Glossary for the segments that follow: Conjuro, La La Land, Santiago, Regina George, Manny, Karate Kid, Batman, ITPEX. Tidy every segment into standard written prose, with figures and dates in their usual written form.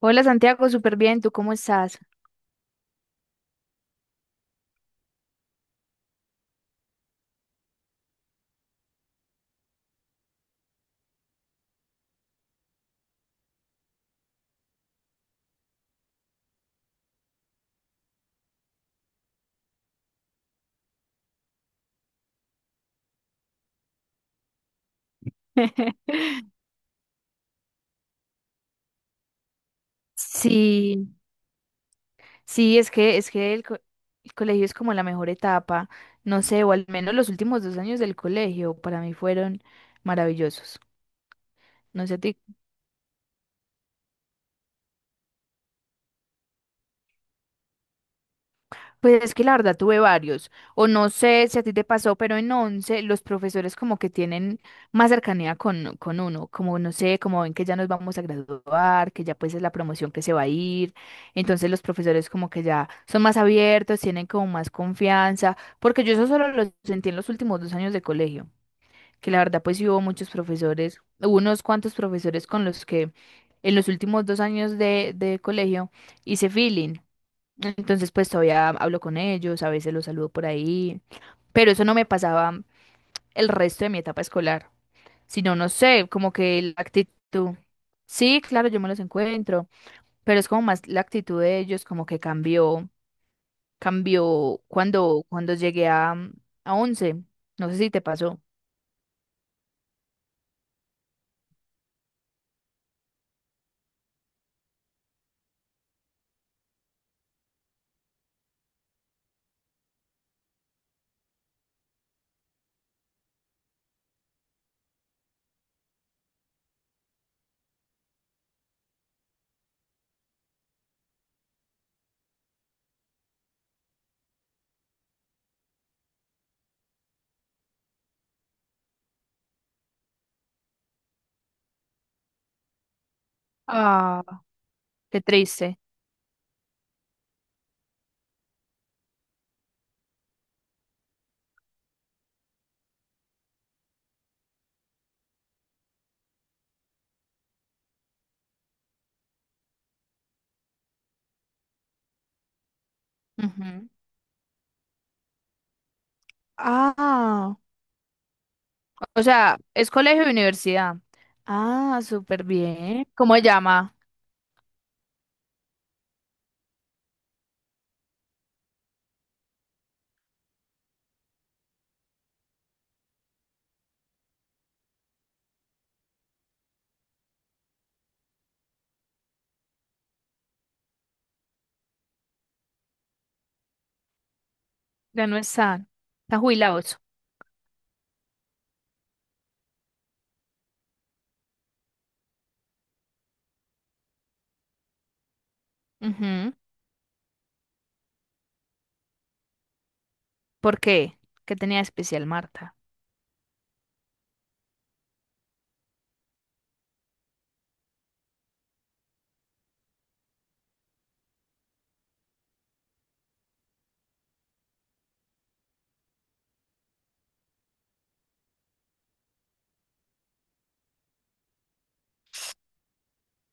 Hola Santiago, súper bien, ¿tú cómo estás? Sí, sí, es que el colegio es como la mejor etapa, no sé, o al menos los últimos dos años del colegio para mí fueron maravillosos. No sé a ti. Pues es que la verdad tuve varios, o no sé si a ti te pasó, pero en once los profesores como que tienen más cercanía con uno, como no sé, como ven que ya nos vamos a graduar, que ya pues es la promoción que se va a ir, entonces los profesores como que ya son más abiertos, tienen como más confianza, porque yo eso solo lo sentí en los últimos dos años de colegio, que la verdad pues sí hubo muchos profesores, hubo unos cuantos profesores con los que en los últimos dos años de colegio hice feeling. Entonces, pues todavía hablo con ellos, a veces los saludo por ahí, pero eso no me pasaba el resto de mi etapa escolar, sino, no sé, como que la actitud. Sí, claro, yo me los encuentro, pero es como más la actitud de ellos, como que cambió, cambió cuando llegué a once. No sé si te pasó. Ah. Qué triste. Ujú. Ah. O sea, es colegio y universidad. Ah, súper bien. ¿Cómo se llama? Ya no está. Está jubilado eso. Ujú. ¿Por qué? ¿Qué tenía de especial Marta?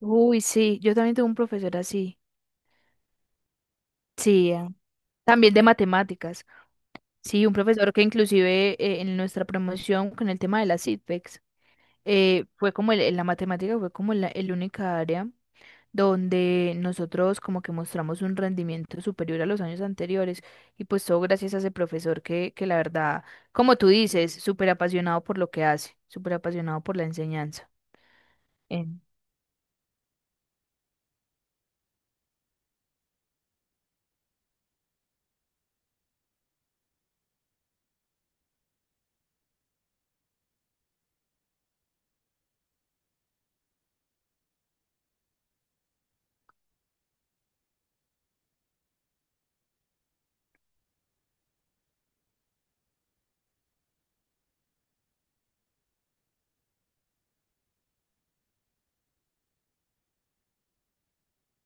Uy, sí, yo también tuve un profesor así. Sí, también de matemáticas. Sí, un profesor que inclusive en nuestra promoción con el tema de las ITPEX, fue como la matemática fue como la, el única área donde nosotros como que mostramos un rendimiento superior a los años anteriores y pues todo gracias a ese profesor que la verdad, como tú dices, súper apasionado por lo que hace, súper apasionado por la enseñanza. En-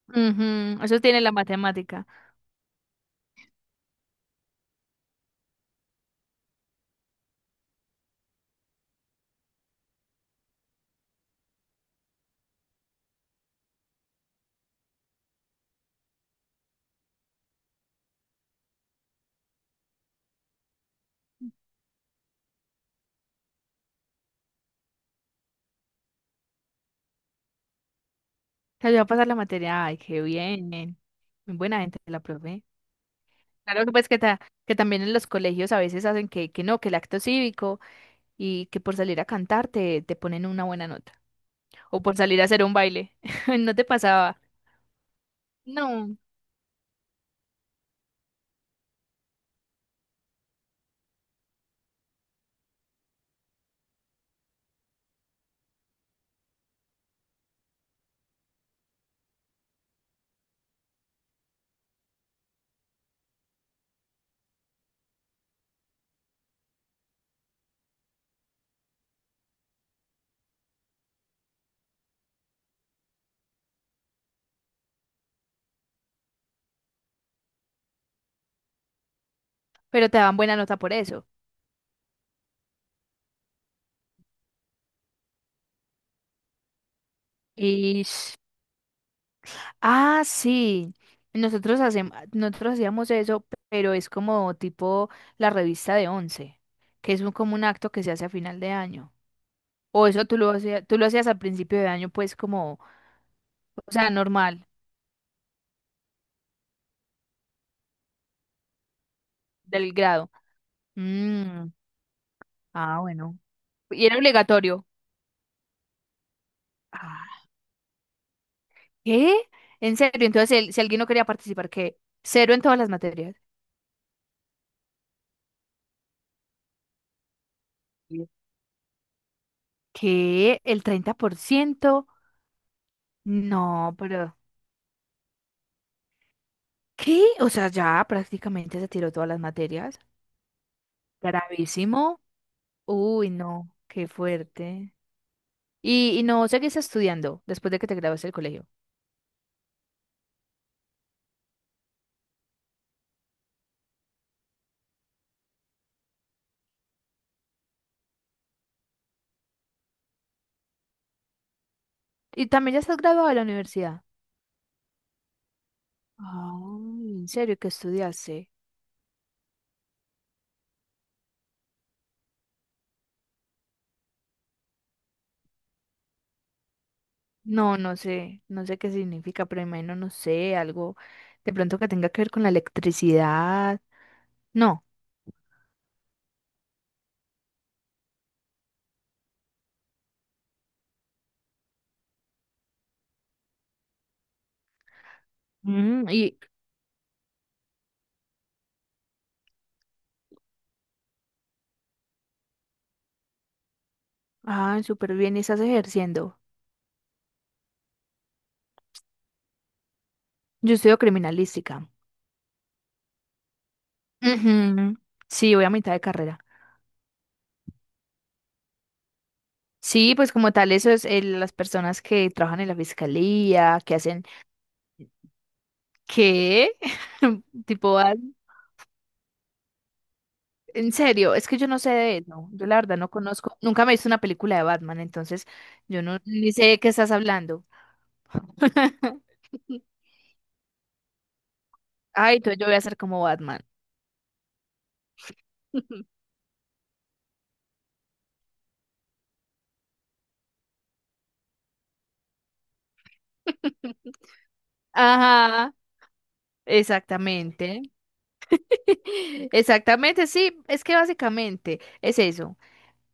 Ujú. Eso tiene la matemática. Te ayudó a pasar la materia. Ay, qué bien. Muy buena gente la profe. Claro que pues que también en los colegios a veces hacen que no, que el acto cívico y que por salir a cantar te ponen una buena nota. O por salir a hacer un baile. No te pasaba. No, pero te daban buena nota por eso. Y s- ah, sí. Nosotros hacíamos eso, pero es como tipo la revista de once, que es como un acto que se hace a final de año. O eso tú lo hacías al principio de año, pues como, o sea, normal, del grado. Mm, ah, bueno. Y era obligatorio. Ah, ¿qué? En serio, entonces si alguien no quería participar, ¿qué? Cero en todas las materias. Sí. ¿Qué? ¿El 30%? No, pero... ¿Qué? O sea, ya prácticamente se tiró todas las materias. Gravísimo. Uy, no, qué fuerte. Y no, ¿seguís estudiando después de que te gradúes del colegio? Y también ya estás graduado de la universidad. Ay, ¿en serio qué estudiaste? No, no sé, no sé qué significa, pero imagino, no sé, algo de pronto que tenga que ver con la electricidad. No. Mm, y, ah, súper bien, ¿y estás ejerciendo? Yo estudio criminalística. Ujú. Sí, voy a mitad de carrera. Sí, pues como tal, eso es las personas que trabajan en la fiscalía, que hacen, ¿qué? Tipo. En serio, es que yo no sé de eso. Yo la verdad no conozco. Nunca me he visto una película de Batman, entonces yo no ni sé de qué estás hablando. Ay, entonces yo voy a ser como Batman. Ajá, exactamente. Exactamente, sí, es que básicamente es eso.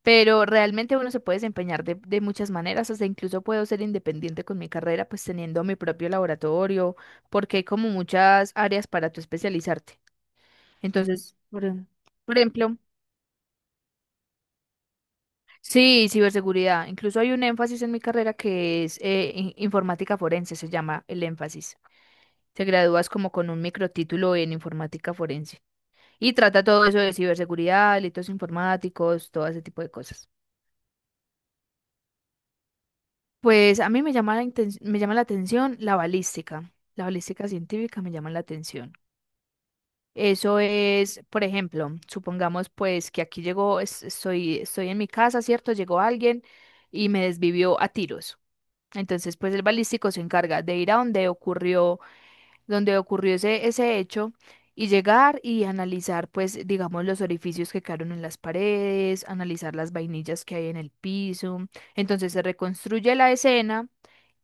Pero realmente uno se puede desempeñar de muchas maneras, hasta incluso puedo ser independiente con mi carrera, pues teniendo mi propio laboratorio, porque hay como muchas áreas para tú especializarte. Entonces, por ejemplo. Sí, ciberseguridad. Incluso hay un énfasis en mi carrera que es informática forense, se llama el énfasis. Te gradúas como con un microtítulo en informática forense y trata todo eso de ciberseguridad, delitos informáticos, todo ese tipo de cosas. Pues a mí me llama me llama la atención la balística. La balística científica me llama la atención. Eso es, por ejemplo, supongamos pues que aquí llegó, estoy, estoy en mi casa, ¿cierto? Llegó alguien y me desvivió a tiros. Entonces, pues el balístico se encarga de ir a donde ocurrió ese hecho y llegar y analizar, pues, digamos, los orificios que quedaron en las paredes, analizar las vainillas que hay en el piso. Entonces se reconstruye la escena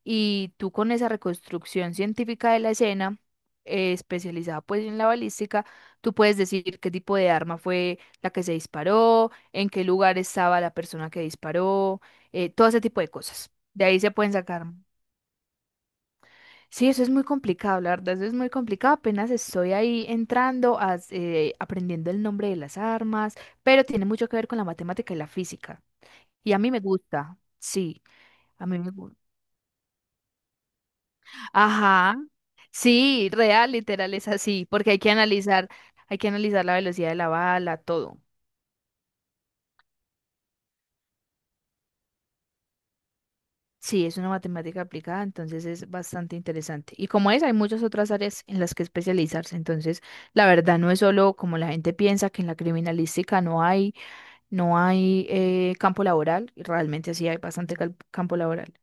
y tú con esa reconstrucción científica de la escena, especializada pues en la balística, tú puedes decir qué tipo de arma fue la que se disparó, en qué lugar estaba la persona que disparó, todo ese tipo de cosas. De ahí se pueden sacar. Sí, eso es muy complicado, la verdad, eso es muy complicado. Apenas estoy ahí entrando, aprendiendo el nombre de las armas, pero tiene mucho que ver con la matemática y la física. Y a mí me gusta, sí, a mí me gusta. Ajá, sí, real, literal, es así, porque hay que analizar la velocidad de la bala, todo. Sí, es una matemática aplicada, entonces es bastante interesante. Y como es, hay muchas otras áreas en las que especializarse, entonces la verdad no es solo como la gente piensa que en la criminalística no hay. No hay campo laboral, y realmente sí hay bastante campo laboral.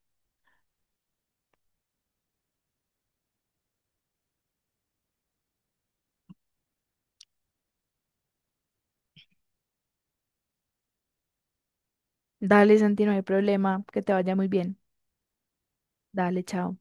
Dale, Santi, no hay problema, que te vaya muy bien. Dale, chao.